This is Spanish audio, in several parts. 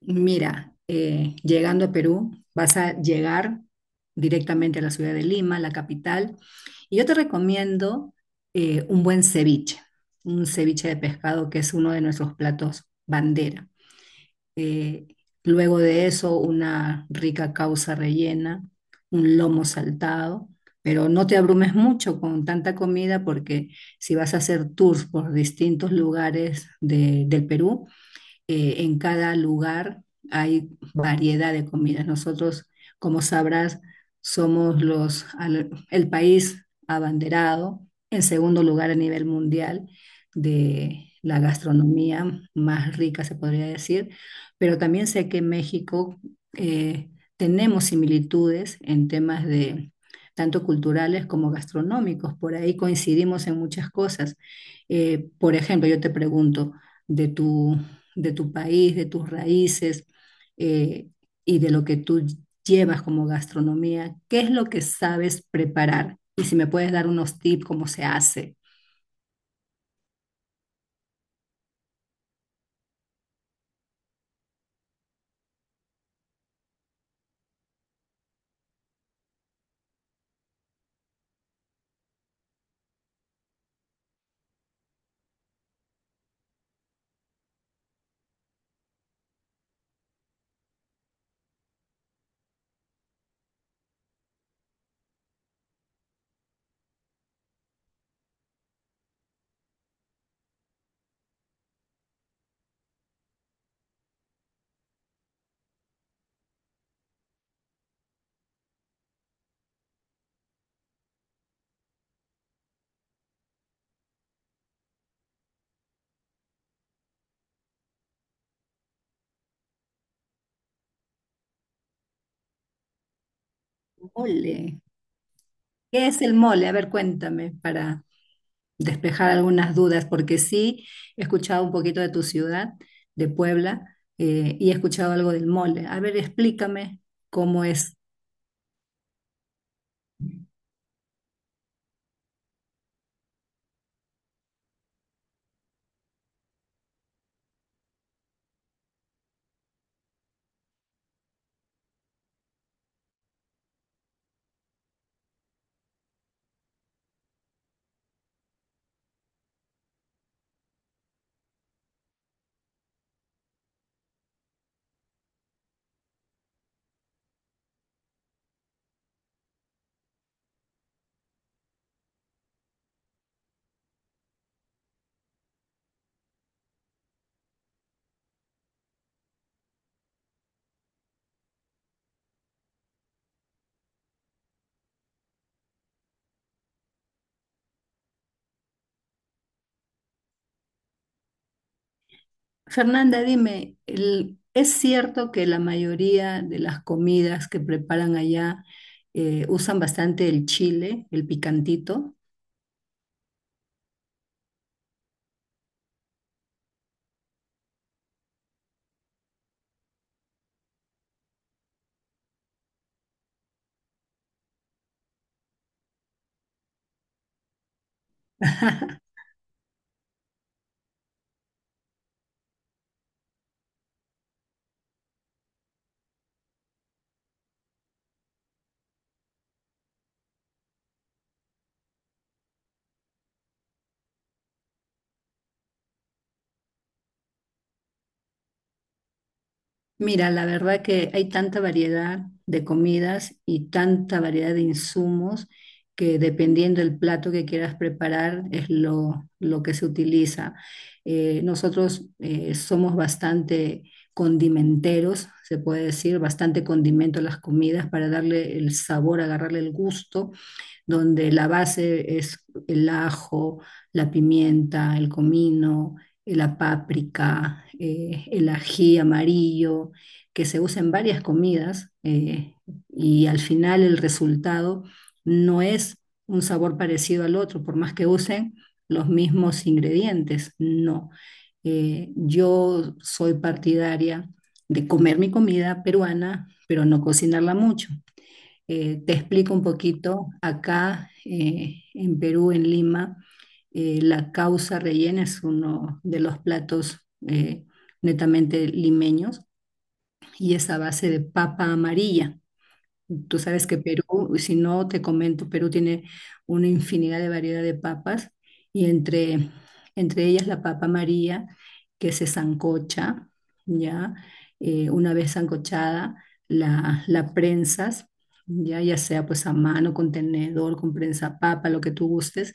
Mira, llegando a Perú, vas a llegar directamente a la ciudad de Lima, la capital, y yo te recomiendo un buen ceviche, un ceviche de pescado que es uno de nuestros platos bandera. Eh, Luego de eso, una rica causa rellena, un lomo saltado, pero no te abrumes mucho con tanta comida porque si vas a hacer tours por distintos lugares del Perú, en cada lugar hay variedad de comidas. Nosotros, como sabrás, somos el país abanderado, en segundo lugar a nivel mundial, de la gastronomía más rica, se podría decir, pero también sé que en México eh, tenemos similitudes en temas de tanto culturales como gastronómicos, por ahí coincidimos en muchas cosas. Por ejemplo, yo te pregunto de tu de tu país, de tus raíces, eh, y de lo que tú llevas como gastronomía, ¿qué es lo que sabes preparar? Y si me puedes dar unos tips, cómo se hace. Mole. ¿Qué es el mole? A ver, cuéntame para despejar algunas dudas, porque sí he escuchado un poquito de tu ciudad, de Puebla, y he escuchado algo del mole. A ver, explícame cómo es. Fernanda, dime, ¿es cierto que la mayoría de las comidas que preparan allá usan bastante el chile, el picantito? Mira, la verdad que hay tanta variedad de comidas y tanta variedad de insumos que dependiendo del plato que quieras preparar es lo que se utiliza. Nosotros somos bastante condimenteros, se puede decir, bastante condimento a las comidas para darle el sabor, agarrarle el gusto, donde la base es el ajo, la pimienta, el comino, la páprica, el ají amarillo, que se usa en varias comidas, y al final el resultado no es un sabor parecido al otro, por más que usen los mismos ingredientes, no. Yo soy partidaria de comer mi comida peruana, pero no cocinarla mucho. Te explico un poquito, acá en Perú, en Lima, la causa rellena es uno de los platos eh, netamente limeños y es a base de papa amarilla. Tú sabes que Perú, si no te comento, Perú tiene una infinidad de variedad de papas y entre ellas la papa María, que se sancocha, ¿ya? Una vez sancochada, la prensas, ¿ya? Ya sea pues a mano, con tenedor, con prensa papa, lo que tú gustes,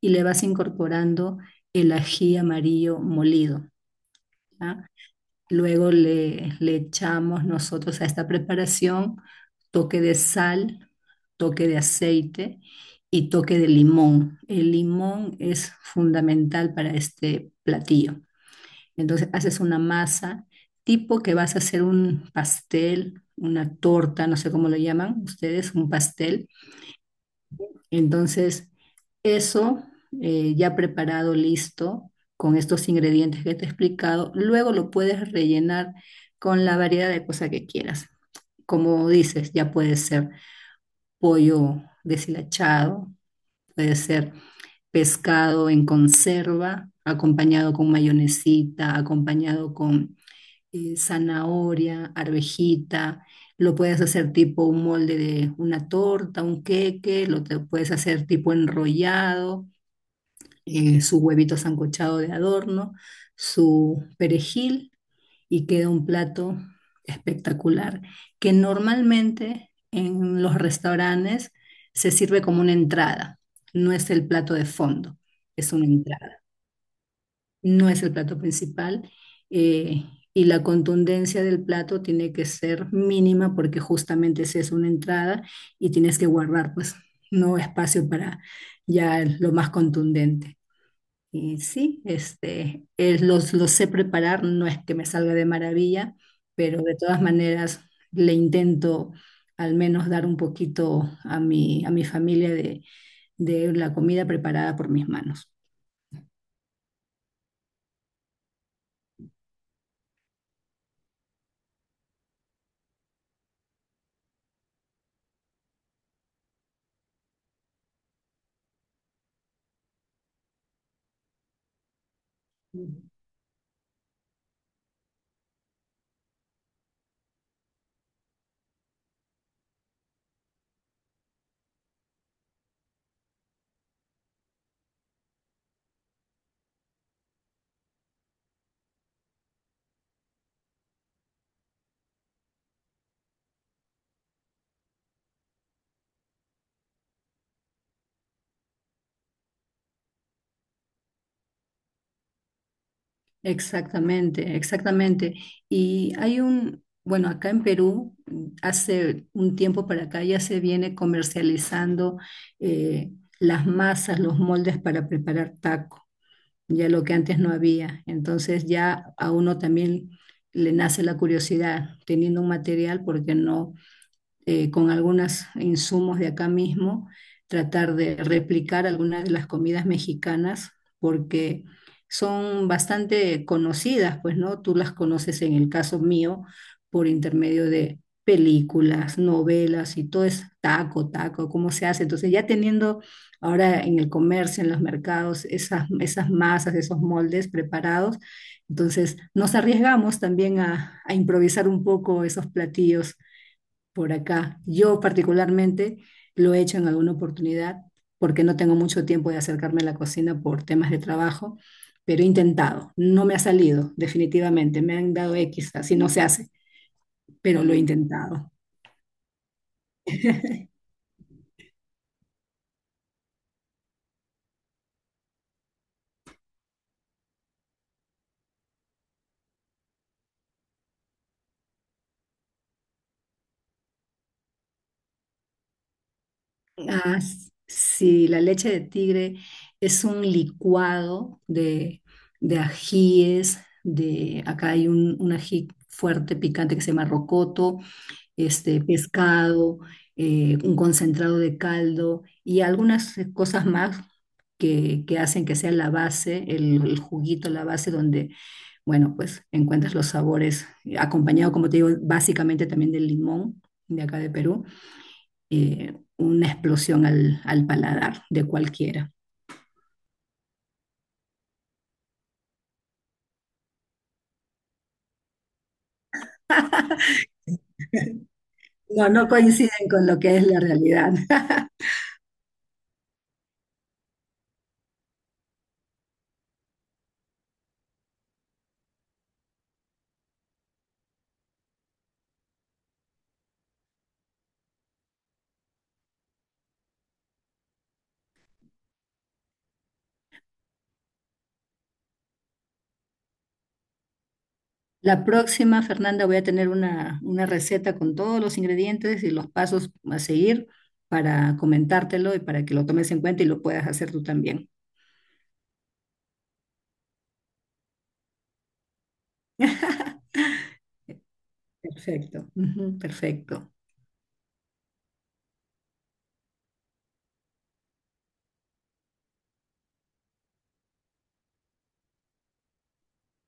y le vas incorporando el ají amarillo molido, ¿ya? Luego le echamos nosotros a esta preparación toque de sal, toque de aceite y toque de limón. El limón es fundamental para este platillo. Entonces haces una masa tipo que vas a hacer un pastel, una torta, no sé cómo lo llaman ustedes, un pastel. Entonces, eso, ya preparado, listo, con estos ingredientes que te he explicado, luego lo puedes rellenar con la variedad de cosas que quieras. Como dices, ya puede ser pollo deshilachado, puede ser pescado en conserva, acompañado con mayonesita, acompañado con zanahoria, arvejita. Lo puedes hacer tipo un molde de una torta, un queque, puedes hacer tipo enrollado, su huevito sancochado de adorno, su perejil, y queda un plato espectacular que normalmente en los restaurantes se sirve como una entrada, no es el plato de fondo, es una entrada, no es el plato principal, eh, y la contundencia del plato tiene que ser mínima porque justamente si es una entrada y tienes que guardar pues no espacio para ya lo más contundente. Y sí, este, los sé preparar, no es que me salga de maravilla, pero de todas maneras le intento al menos dar un poquito a a mi familia de la comida preparada por mis manos. Exactamente, exactamente. Y hay un, bueno, acá en Perú, hace un tiempo para acá ya se viene comercializando eh, las masas, los moldes para preparar taco, ya lo que antes no había. Entonces ya a uno también le nace la curiosidad, teniendo un material, porque no, con algunos insumos de acá mismo, tratar de replicar algunas de las comidas mexicanas, porque son bastante conocidas, pues, ¿no? Tú las conoces en el caso mío por intermedio de películas, novelas y todo es taco, taco, cómo se hace. Entonces ya teniendo ahora en el comercio, en los mercados, esas masas, esos moldes preparados, entonces nos arriesgamos también a improvisar un poco esos platillos por acá. Yo particularmente lo he hecho en alguna oportunidad porque no tengo mucho tiempo de acercarme a la cocina por temas de trabajo, pero he intentado. No me ha salido, definitivamente. Me han dado X, así no se hace, pero lo he intentado. Ah, sí, la leche de tigre es un licuado de ajíes, de, acá hay un ají fuerte, picante que se llama rocoto, este, pescado, un concentrado de caldo y algunas cosas más que hacen que sea la base, el juguito, la base donde, bueno, pues encuentras los sabores, acompañado, como te digo, básicamente también del limón de acá de Perú, una explosión al paladar de cualquiera. No, no coinciden con lo que es la realidad. La próxima, Fernanda, voy a tener una receta con todos los ingredientes y los pasos a seguir para comentártelo y para que lo tomes en cuenta y lo puedas hacer tú también. Perfecto, ujú, perfecto.